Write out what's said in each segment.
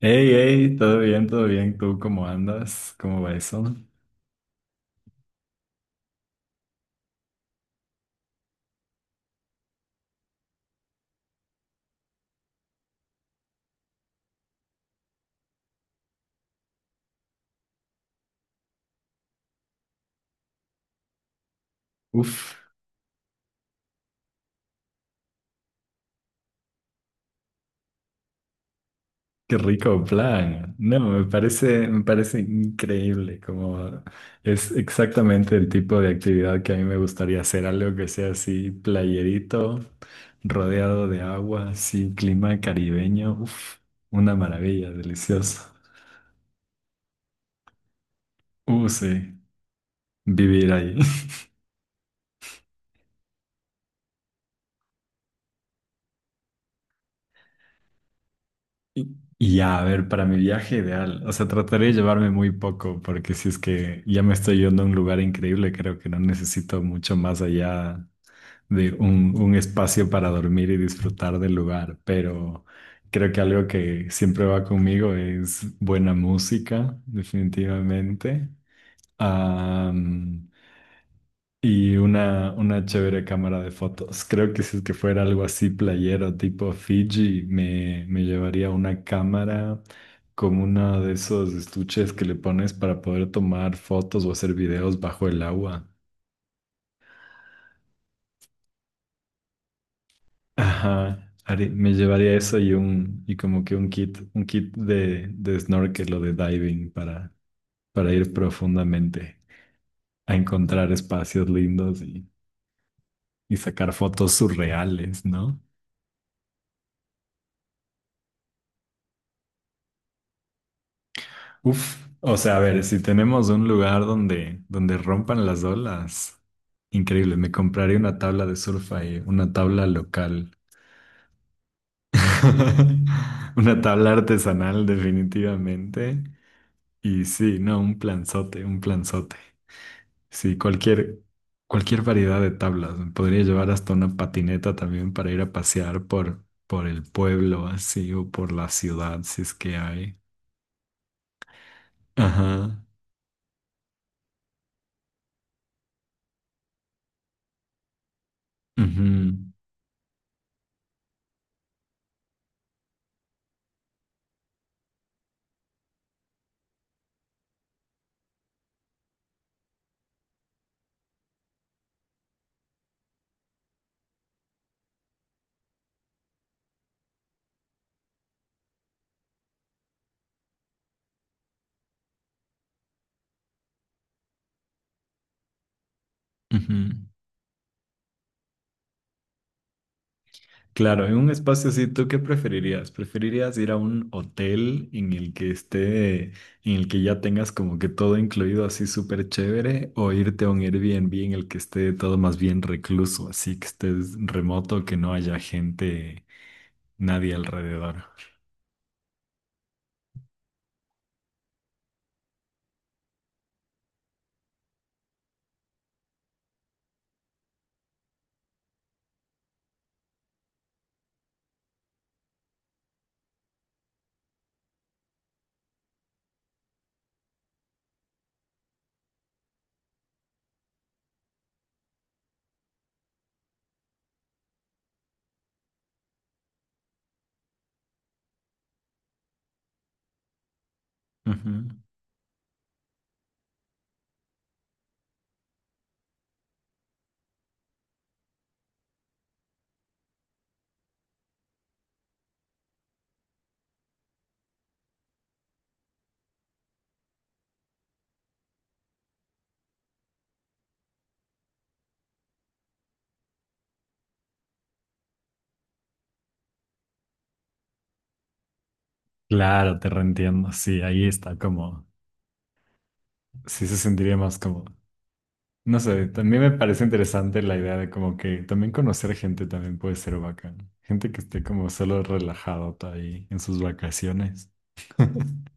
Hey, hey, todo bien, todo bien. ¿Tú cómo andas? ¿Cómo va eso? Uf, qué rico plan. No, me parece increíble. Como es exactamente el tipo de actividad que a mí me gustaría hacer, algo que sea así, playerito, rodeado de agua, así, clima caribeño. Uf, una maravilla, delicioso. Sí, vivir ahí. Y ya, a ver, para mi viaje ideal, o sea, trataré de llevarme muy poco, porque si es que ya me estoy yendo a un lugar increíble, creo que no necesito mucho más allá de un espacio para dormir y disfrutar del lugar, pero creo que algo que siempre va conmigo es buena música, definitivamente. Am, y una chévere cámara de fotos. Creo que si es que fuera algo así playero, tipo Fiji, me llevaría una cámara como uno de esos estuches que le pones para poder tomar fotos o hacer videos bajo el agua. Ajá. Me llevaría eso y un, y como que un kit de snorkel o de diving para ir profundamente a encontrar espacios lindos y sacar fotos surreales, ¿no? Uf, o sea, a ver, si tenemos un lugar donde, donde rompan las olas, increíble, me compraría una tabla de surf ahí, una tabla local, una tabla artesanal definitivamente. Y sí, no, un planzote, un planzote. Sí, cualquier, cualquier variedad de tablas. Me podría llevar hasta una patineta también para ir a pasear por el pueblo así o por la ciudad, si es que hay. Ajá. ujú, ujú. Claro, en un espacio así, ¿tú qué preferirías? ¿Preferirías ir a un hotel en el que esté, en el que ya tengas como que todo incluido así súper chévere, o irte a un Airbnb en el que esté todo más bien recluso, así que estés remoto, que no haya gente, nadie alrededor? Ujú. Claro, te reentiendo, sí, ahí está como, sí se sentiría más cómodo. No sé, también me parece interesante la idea de como que también conocer gente también puede ser bacán. Gente que esté como solo relajado ahí en sus vacaciones.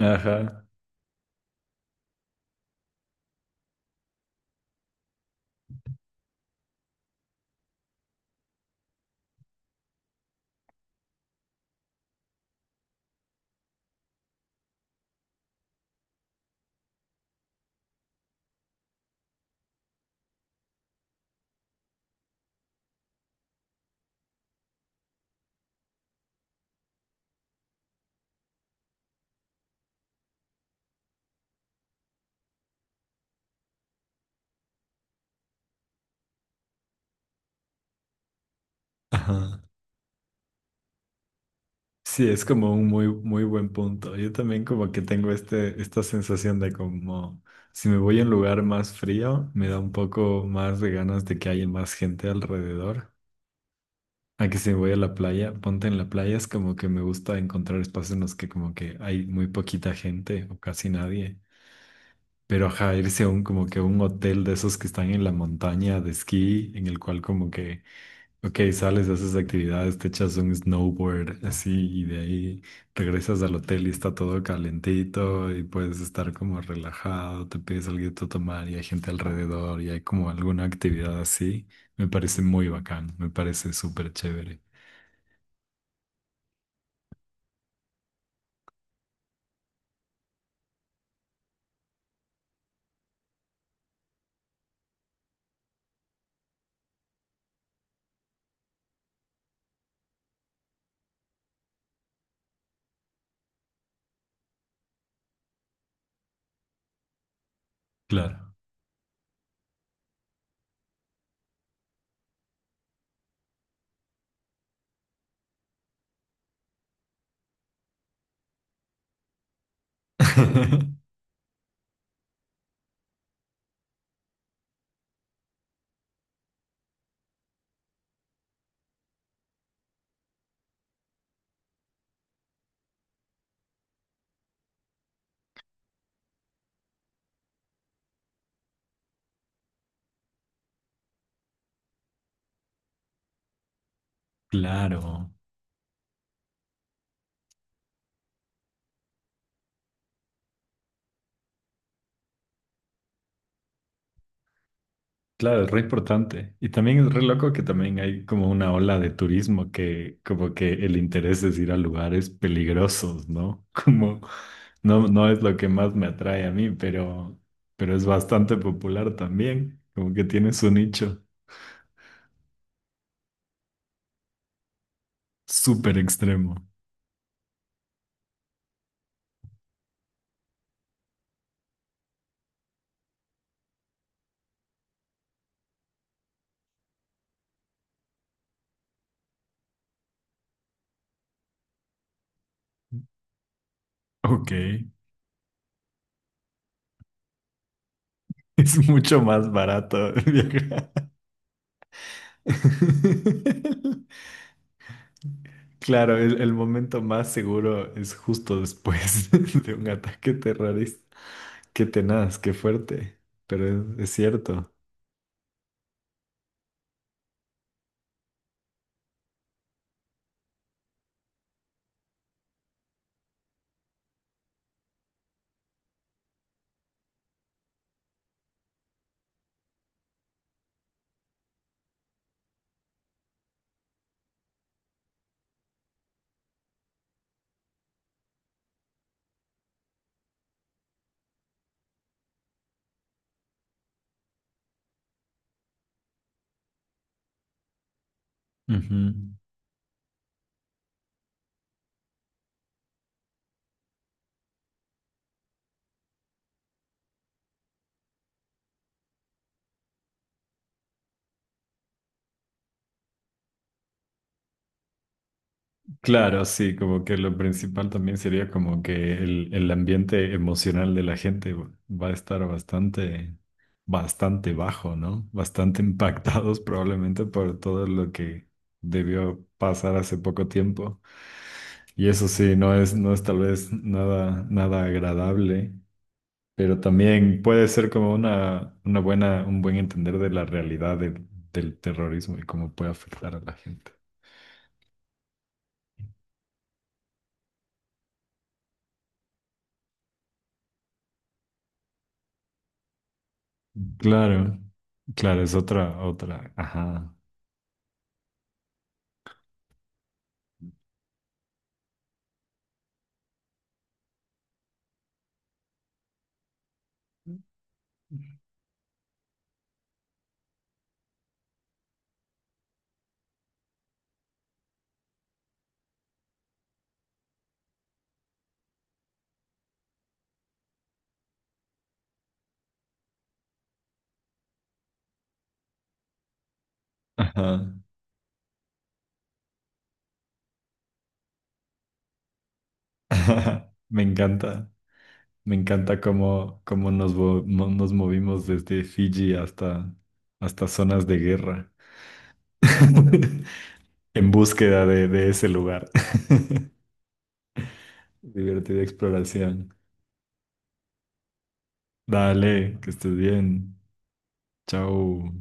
Ajá, ajá. Sí, es como un muy, muy buen punto. Yo también como que tengo este, esta sensación de como si me voy a un lugar más frío, me da un poco más de ganas de que haya más gente alrededor. A que si voy a la playa, ponte en la playa, es como que me gusta encontrar espacios en los que como que hay muy poquita gente o casi nadie. Pero ajá, irse a un como que a un hotel de esos que están en la montaña de esquí, en el cual como que, ok, sales, haces actividades, te echas un snowboard así y de ahí regresas al hotel y está todo calentito y puedes estar como relajado, te pides algo de tomar y hay gente alrededor y hay como alguna actividad así. Me parece muy bacán, me parece súper chévere. Claro. Claro. Claro, es re importante. Y también es re loco que también hay como una ola de turismo que como que el interés es ir a lugares peligrosos, ¿no? Como no, no es lo que más me atrae a mí, pero es bastante popular también. Como que tiene su nicho súper extremo. Ok, es mucho más barato viajar. Claro, el momento más seguro es justo después de un ataque terrorista. Qué tenaz, qué fuerte, pero es cierto. Ujú. Claro, sí, como que lo principal también sería como que el ambiente emocional de la gente va a estar bastante, bastante bajo, ¿no? Bastante impactados probablemente por todo lo que debió pasar hace poco tiempo. Y eso sí, no es, no es tal vez nada, nada agradable. Pero también puede ser como una buena, un buen entender de la realidad del del terrorismo y cómo puede afectar a la gente. Claro, claro, es otra, otra. Ajá, ajá. ajá. Me encanta cómo, cómo nos, nos movimos desde Fiji hasta, hasta zonas de guerra en búsqueda de ese lugar. Divertida exploración. Dale, que estés bien. Chao.